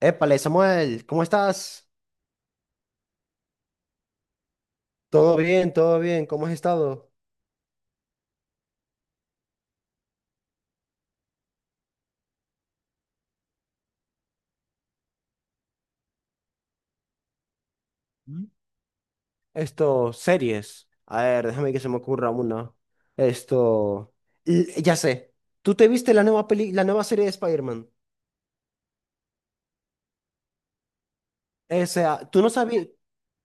Épale, Samuel, ¿cómo estás? Todo bien, ¿cómo has estado? ¿Mm? Series. A ver, déjame que se me ocurra una. Esto, ya sé. ¿Tú te viste la nueva peli, la nueva serie de Spider-Man? O sea, tú no sabías,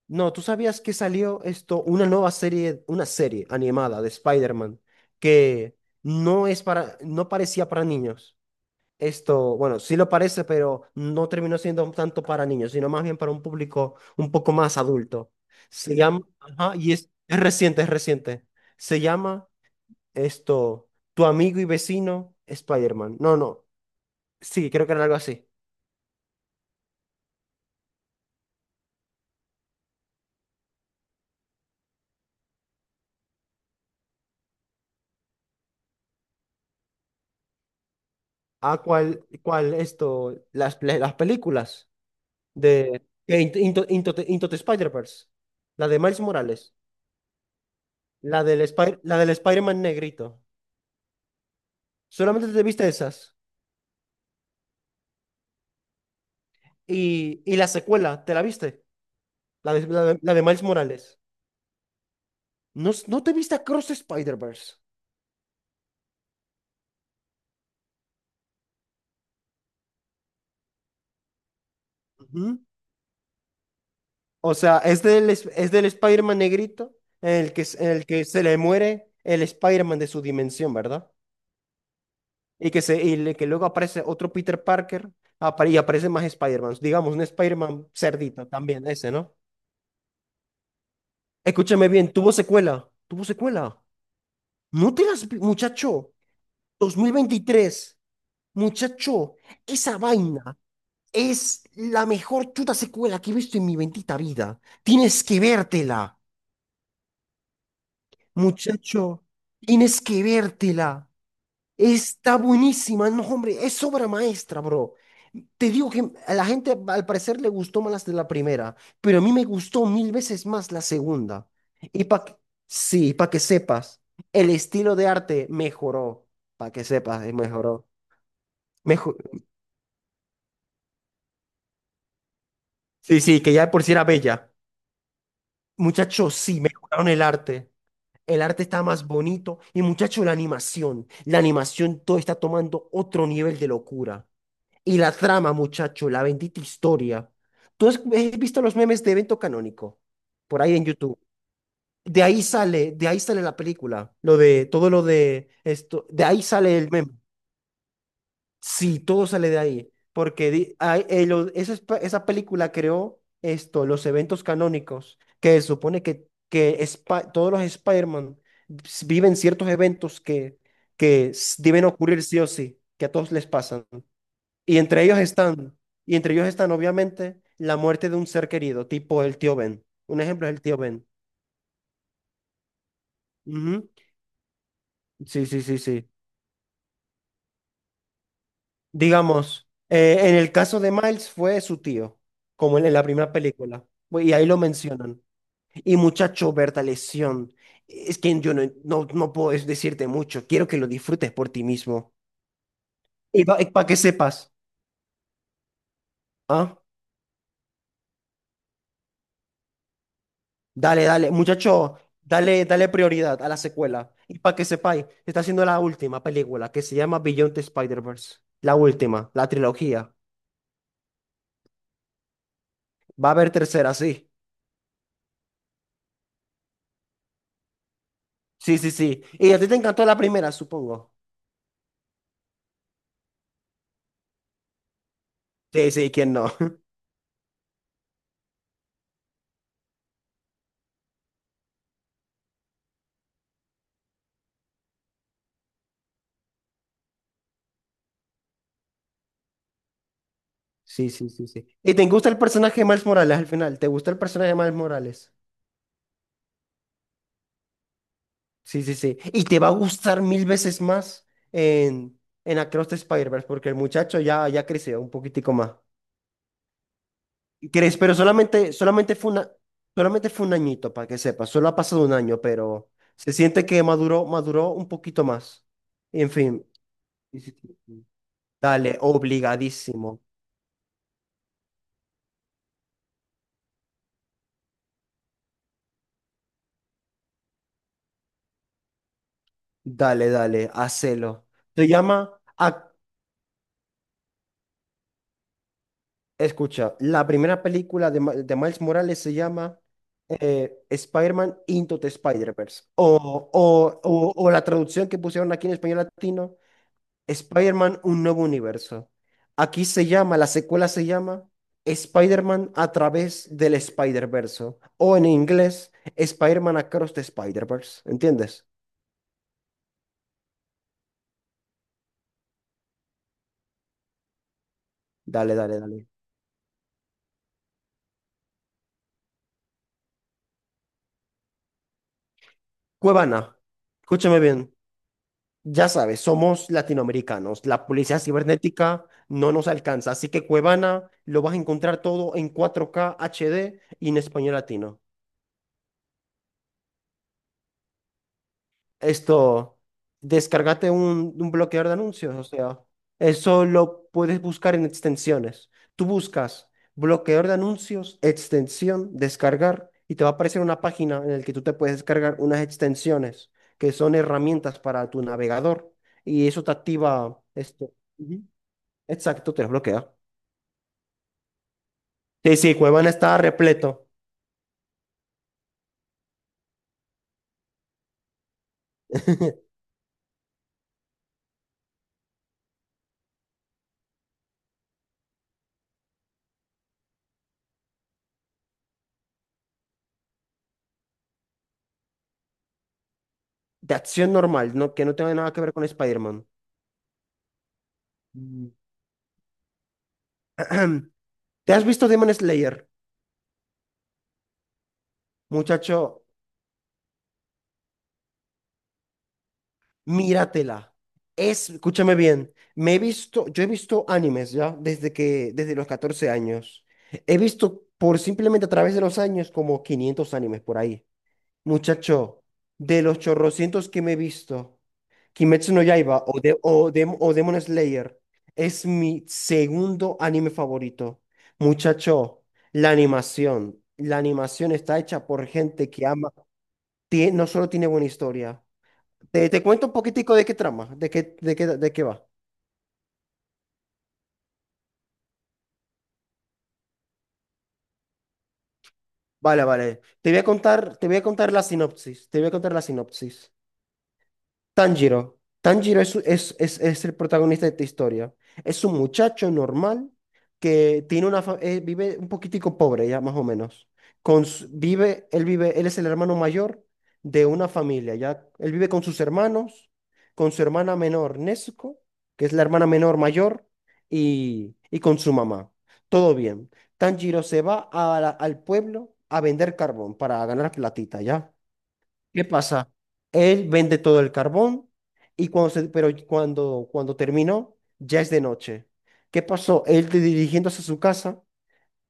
no, tú sabías que salió una nueva serie, una serie animada de Spider-Man que no es para, no parecía para niños. Bueno, sí lo parece, pero no terminó siendo tanto para niños, sino más bien para un público un poco más adulto. Se llama, ajá, y es reciente, es reciente. Se llama Tu amigo y vecino Spider-Man. No, no, sí, creo que era algo así. Ah, ¿cuál, cuál esto? Las películas de de Into the Spider-Verse. La de Miles Morales. La del Spider-Man negrito. ¿Solamente te viste esas? Y la secuela, ¿te la viste? La de Miles Morales. ¿No te viste Cross Spider-Verse? Ujú. O sea, es del Spider-Man negrito en el que, en el que se le muere el Spider-Man de su dimensión, ¿verdad? Y que, se, y le- que luego aparece otro Peter Parker y aparece más Spider-Man. Digamos, un Spider-Man cerdito también, ese, ¿no? Escúchame bien, tuvo secuela, tuvo secuela. No te las... vi- Muchacho, 2023, muchacho, esa vaina. Es la mejor chuta secuela que he visto en mi bendita vida. Tienes que vértela, muchacho. Tienes que vértela. Está buenísima. No, hombre, es obra maestra, bro. Te digo que a la gente al parecer le gustó más las de la primera, pero a mí me gustó mil veces más la segunda. Y para que, sí, para que sepas, el estilo de arte mejoró. Para que sepas, mejoró. Mejo- sí, sí, que ya de por si era bella. Muchachos, sí, mejoraron el arte. El arte está más bonito y muchacho, la animación todo está tomando otro nivel de locura. Y la trama, muchacho, la bendita historia. ¿Tú has visto los memes de evento canónico? Por ahí en YouTube. De ahí sale la película, lo de todo lo de esto, de ahí sale el meme. Sí, todo sale de ahí, porque esa película creó los eventos canónicos, que se supone que, todos los Spider-Man viven ciertos eventos que, deben ocurrir sí o sí, que a todos les pasan. Y entre ellos están, y entre ellos están obviamente la muerte de un ser querido, tipo el tío Ben. Un ejemplo es el tío Ben. Ujú. Sí, sí, sí, sí. Digamos, en el caso de Miles fue su tío, como en la primera película, y ahí lo mencionan. Y muchacho, Bertalesión, es que yo no, no, no puedo decirte mucho, quiero que lo disfrutes por ti mismo. Y para que sepas, ¿ah? Dale, dale, muchacho, dale, dale prioridad a la secuela. Y para que sepáis, se está haciendo la última película que se llama Beyond the Spider-Verse. La última, la trilogía. Va a haber tercera, sí. Sí, sí, sí. Y a ti te encantó la primera, supongo. Sí, sí, ¿quién no? Sí, sí, sí, sí. ¿Y te gusta el personaje de Miles Morales al final? ¿Te gusta el personaje de Miles Morales? Sí, sí, sí. Y te va a gustar mil veces más en Across the Spider-Verse, porque el muchacho ya, ya creció un poquitico más. ¿Crees? Pero solamente fue un añito, para que sepas. Solo ha pasado un año, pero se siente que maduró, un poquito más. En fin. Sí, sí, sí, sí. Dale, obligadísimo. Dale, dale, hacelo. Se llama. Escucha, la primera película de Miles Morales se llama, Spider-Man Into the Spider-Verse. O la traducción que pusieron aquí en español latino, Spider-Man Un Nuevo Universo. Aquí se llama, la secuela se llama Spider-Man a través del Spider-Verse. O en inglés, Spider-Man Across the Spider-Verse. ¿Entiendes? Dale, dale, dale. Cuevana, escúchame bien. Ya sabes, somos latinoamericanos. La policía cibernética no nos alcanza. Así que Cuevana lo vas a encontrar todo en 4K HD y en español latino. Esto, Descárgate un bloqueador de anuncios. O sea, eso lo puedes buscar en extensiones. Tú buscas bloqueador de anuncios, extensión, descargar, y te va a aparecer una página en la que tú te puedes descargar unas extensiones que son herramientas para tu navegador. Y eso te activa esto. Exacto, te los bloquea. Sí, sí, Cuevana estaba repleto. De acción normal, ¿no? Que no tenga nada que ver con Spider-Man. Mm, ¿Te has visto Demon Slayer? Muchacho, míratela. Escúchame bien, yo he visto animes ya desde los 14 años. He visto por simplemente a través de los años como 500 animes por ahí. Muchacho, de los chorrocientos que me he visto. Kimetsu no Yaiba o Demon Slayer es mi segundo anime favorito. Muchacho, la animación. La animación está hecha por gente que ama. No solo tiene buena historia. Te cuento un poquitico de qué trama, de qué va. Vale, vale. Te voy a contar la sinopsis. Te voy a contar la sinopsis. Tanjiro. Tanjiro es el protagonista de esta historia. Es un muchacho normal que vive un poquitico pobre ya, más o menos. Con, su- vive, él es el hermano mayor de una familia, ya. Él vive con sus hermanos, con su hermana menor, Nezuko, que es la hermana menor mayor, y con su mamá. Todo bien. Tanjiro se va a al pueblo a vender carbón para ganar platita, ya. ¿Qué pasa? Él vende todo el carbón y pero cuando terminó, ya es de noche. ¿Qué pasó? Dirigiéndose a su casa,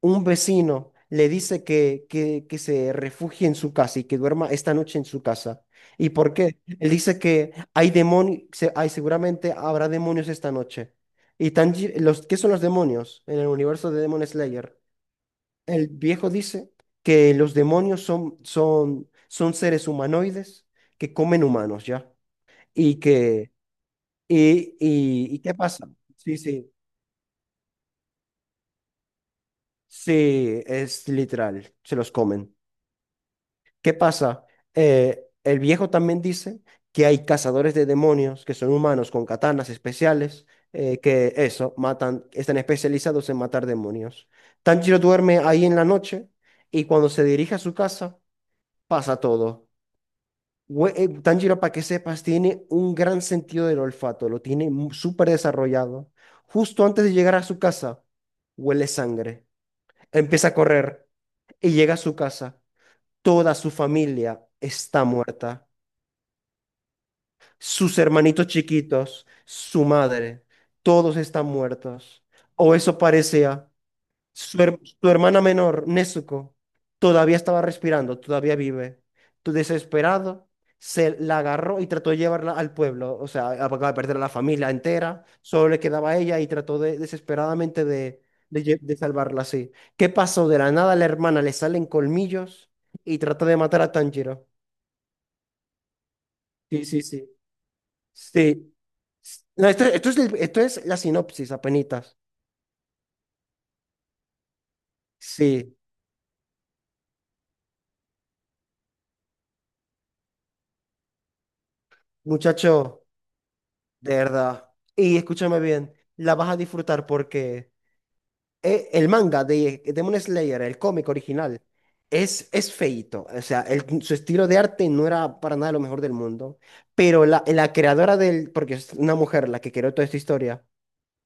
un vecino le dice que se refugie en su casa y que duerma esta noche en su casa. ¿Y por qué? Él dice que hay demonios, seguramente habrá demonios esta noche. ¿Qué son los demonios en el universo de Demon Slayer? El viejo dice que los demonios son seres humanoides que comen humanos, ¿ya? Y que, ¿Y qué pasa? Sí, sí, sí, es literal, se los comen. ¿Qué pasa? El viejo también dice que hay cazadores de demonios que son humanos con katanas especiales, que eso, matan, están especializados en matar demonios. Tanjiro duerme ahí en la noche y cuando se dirige a su casa pasa todo. Tanjiro, para que sepas, tiene un gran sentido del olfato, lo tiene súper desarrollado. Justo antes de llegar a su casa, huele sangre, empieza a correr y llega a su casa. Toda su familia está muerta, sus hermanitos chiquitos, su madre, todos están muertos. O eso parecía. Su hermana menor, Nezuko, todavía estaba respirando, todavía vive. Tu desesperado se la agarró y trató de llevarla al pueblo. O sea, acaba de perder a la familia entera, solo le quedaba a ella y trató desesperadamente de salvarla así. ¿Qué pasó? De la nada a la hermana le salen colmillos y trata de matar a Tanjiro. Sí, sí, sí. Sí. No, esto es la sinopsis, apenitas. Sí, muchacho. De verdad. Y escúchame bien, la vas a disfrutar porque el manga de Demon Slayer, el cómic original, es feíto. O sea, su estilo de arte no era para nada lo mejor del mundo. Pero la creadora del, porque es una mujer la que creó toda esta historia,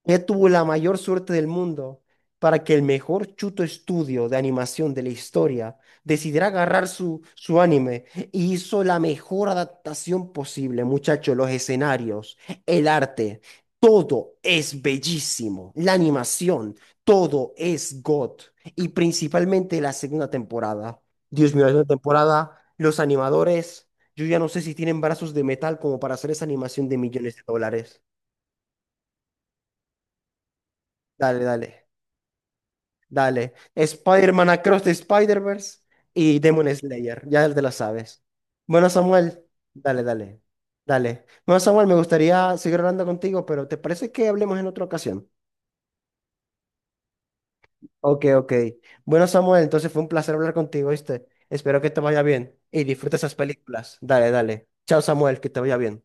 ella tuvo la mayor suerte del mundo para que el mejor chuto estudio de animación de la historia decidiera agarrar su anime y hizo la mejor adaptación posible, muchachos. Los escenarios, el arte, todo es bellísimo. La animación, todo es God. Y principalmente la segunda temporada. Dios mío, la segunda temporada, los animadores, yo ya no sé si tienen brazos de metal como para hacer esa animación de millones de dólares. Dale, dale. Dale. Spider-Man Across the Spider-Verse y Demon Slayer. Ya te la sabes. Bueno, Samuel, dale, dale. Dale. Bueno, Samuel, me gustaría seguir hablando contigo, pero ¿te parece que hablemos en otra ocasión? Ok, ok. Bueno, Samuel, entonces fue un placer hablar contigo, ¿viste? Espero que te vaya bien y disfruta esas películas. Dale, dale. Chao, Samuel, que te vaya bien.